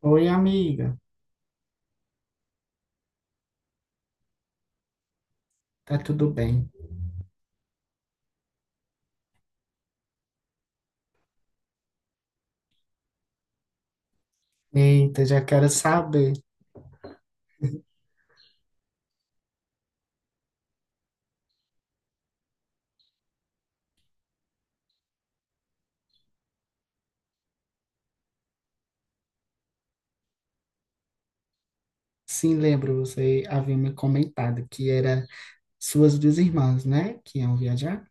Oi, amiga. Tá tudo bem? Eita, já quero saber. Sim, lembro, você havia me comentado que era suas duas irmãs, né? Que iam viajar.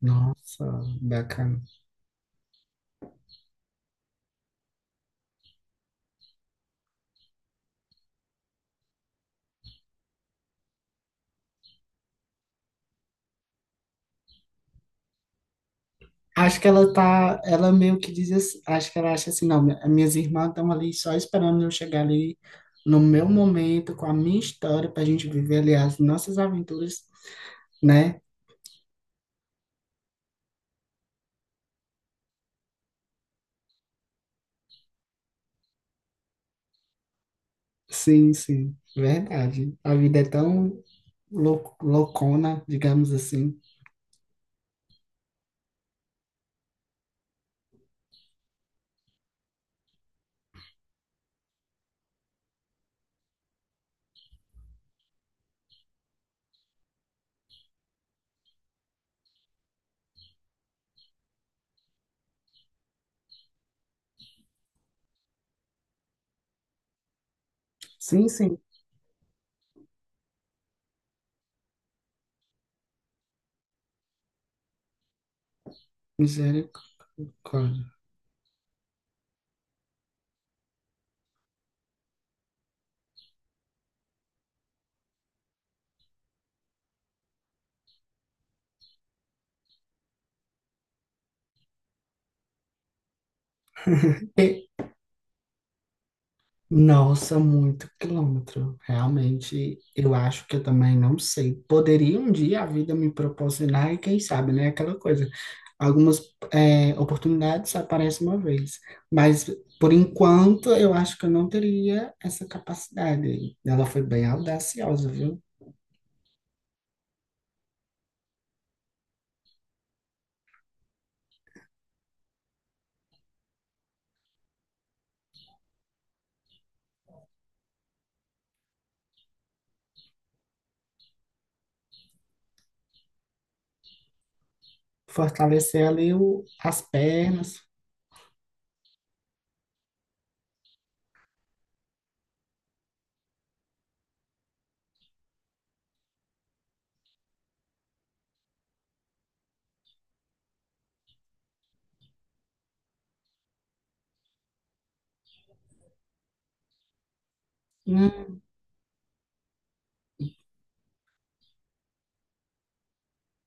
Nossa, bacana. Acho que ela tá, ela meio que diz assim, acho que ela acha assim, não, minhas irmãs estão ali só esperando eu chegar ali no meu momento, com a minha história, pra gente viver ali as nossas aventuras, né? Sim, sim, verdade. A vida é tão loucona, digamos assim. Sim, sim, misericórdia. E- Nossa, muito quilômetro. Realmente, eu acho que eu também não sei. Poderia um dia a vida me proporcionar, e quem sabe, né? Aquela coisa. Algumas oportunidades aparecem uma vez, mas por enquanto eu acho que eu não teria essa capacidade. Ela foi bem audaciosa, viu? Fortalecer ali o, as pernas. Hum,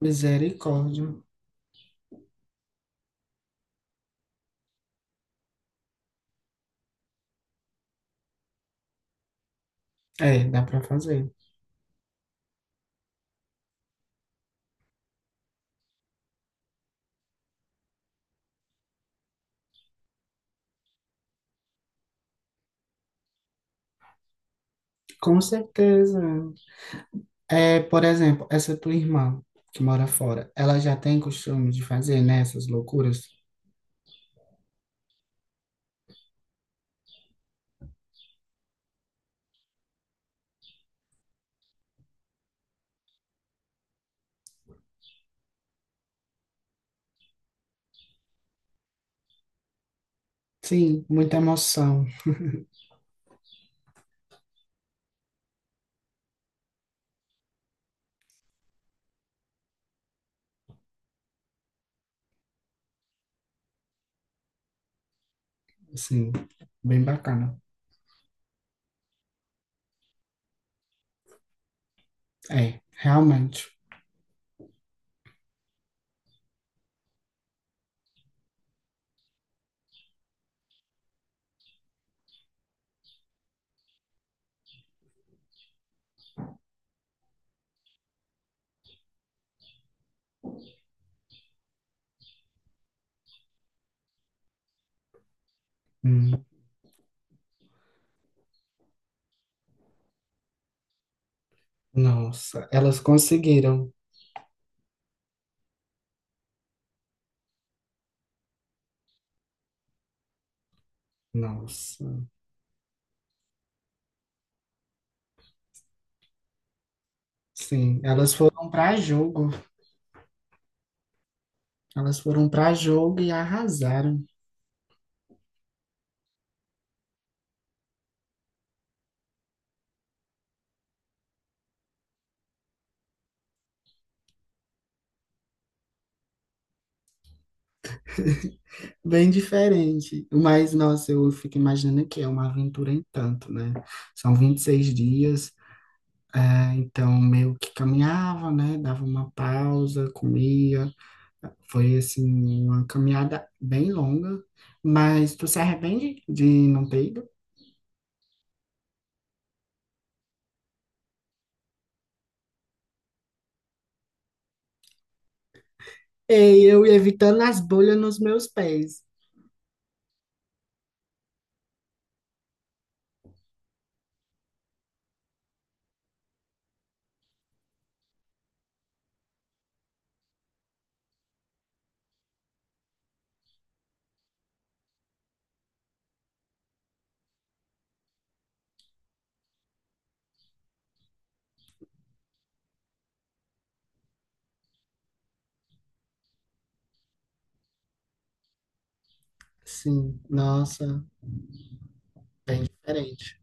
misericórdia. É, dá para fazer. Com certeza. É, por exemplo, essa tua irmã que mora fora, ela já tem costume de fazer, né, essas loucuras? Sim, muita emoção. Assim, bem bacana. É, realmente. Hum, nossa, elas conseguiram. Nossa. Sim, elas foram para jogo. Elas foram para jogo e arrasaram. Bem diferente. Mas, nossa, eu fico imaginando que é uma aventura em tanto, né? São 26 dias, então meio que caminhava, né? Dava uma pausa, comia. Foi, assim, uma caminhada bem longa. Mas tu se arrepende de não ter ido? E eu ia evitando as bolhas nos meus pés. Sim, nossa, diferente.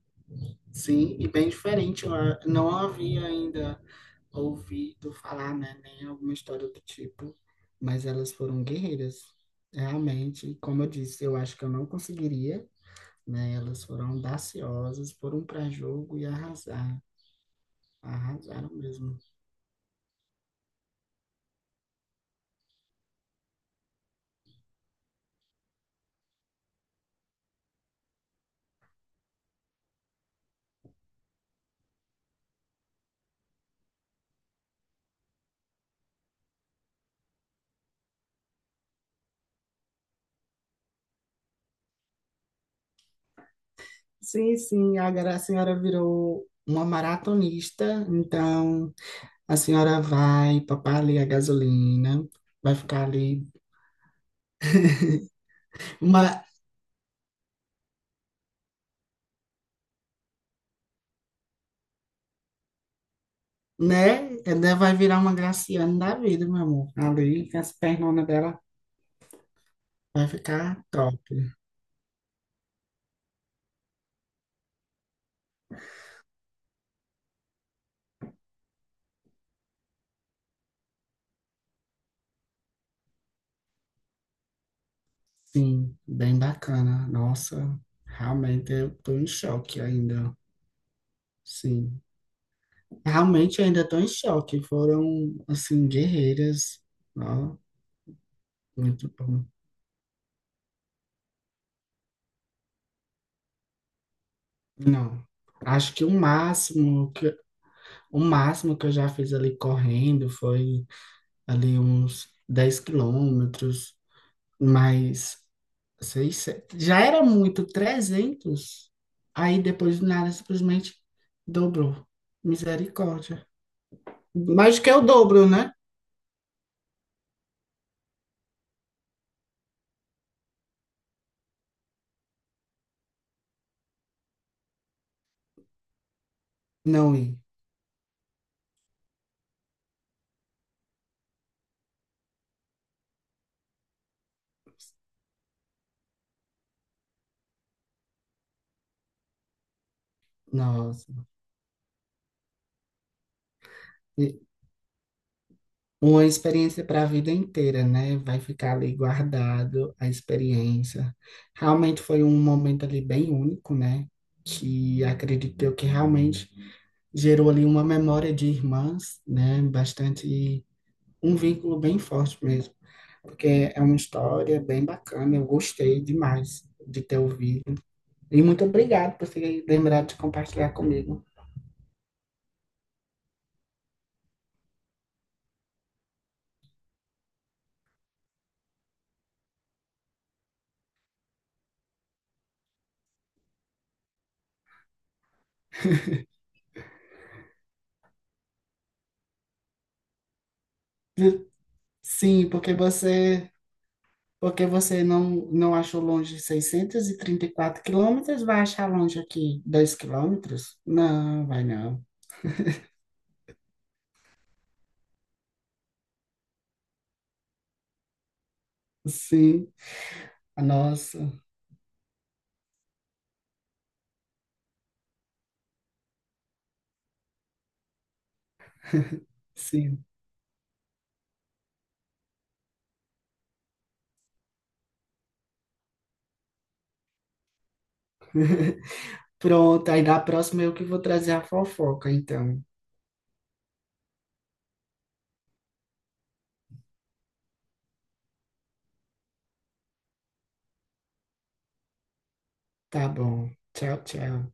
Sim, e bem diferente. Eu não havia ainda ouvido falar, né, nem alguma história do tipo, mas elas foram guerreiras, realmente. Como eu disse, eu acho que eu não conseguiria, né? Elas foram audaciosas, foram para jogo e arrasaram, arrasaram mesmo. Sim, sim, agora a senhora virou uma maratonista, então a senhora vai papar ali a gasolina, vai ficar ali. Uma Né? Ela vai virar uma Graciane da vida, meu amor. Ali, com as pernonas dela, vai ficar top. Sim, bem bacana. Nossa, realmente eu tô em choque ainda. Sim, realmente eu ainda tô em choque. Foram, assim, guerreiras. Ó, muito bom. Não, acho que o máximo que eu já fiz ali correndo foi ali uns 10 quilômetros, mas seis, sete já era muito. Trezentos Aí depois do nada simplesmente dobrou. Misericórdia. Mais que é o dobro, né? Não ir. Nossa. E uma experiência para a vida inteira, né? Vai ficar ali guardado a experiência. Realmente foi um momento ali bem único, né? Que acredito eu que realmente gerou ali uma memória de irmãs, né? Bastante, um vínculo bem forte mesmo, porque é uma história bem bacana, eu gostei demais de ter ouvido. E muito obrigado por ter lembrado de compartilhar comigo. Sim, porque você não, não achou longe seiscentos e trinta e quatro quilômetros, vai achar longe aqui 2 quilômetros? Não, vai não. Sim, a nossa, sim. Pronto, aí da próxima eu que vou trazer a fofoca, então. Tá bom. Tchau, tchau.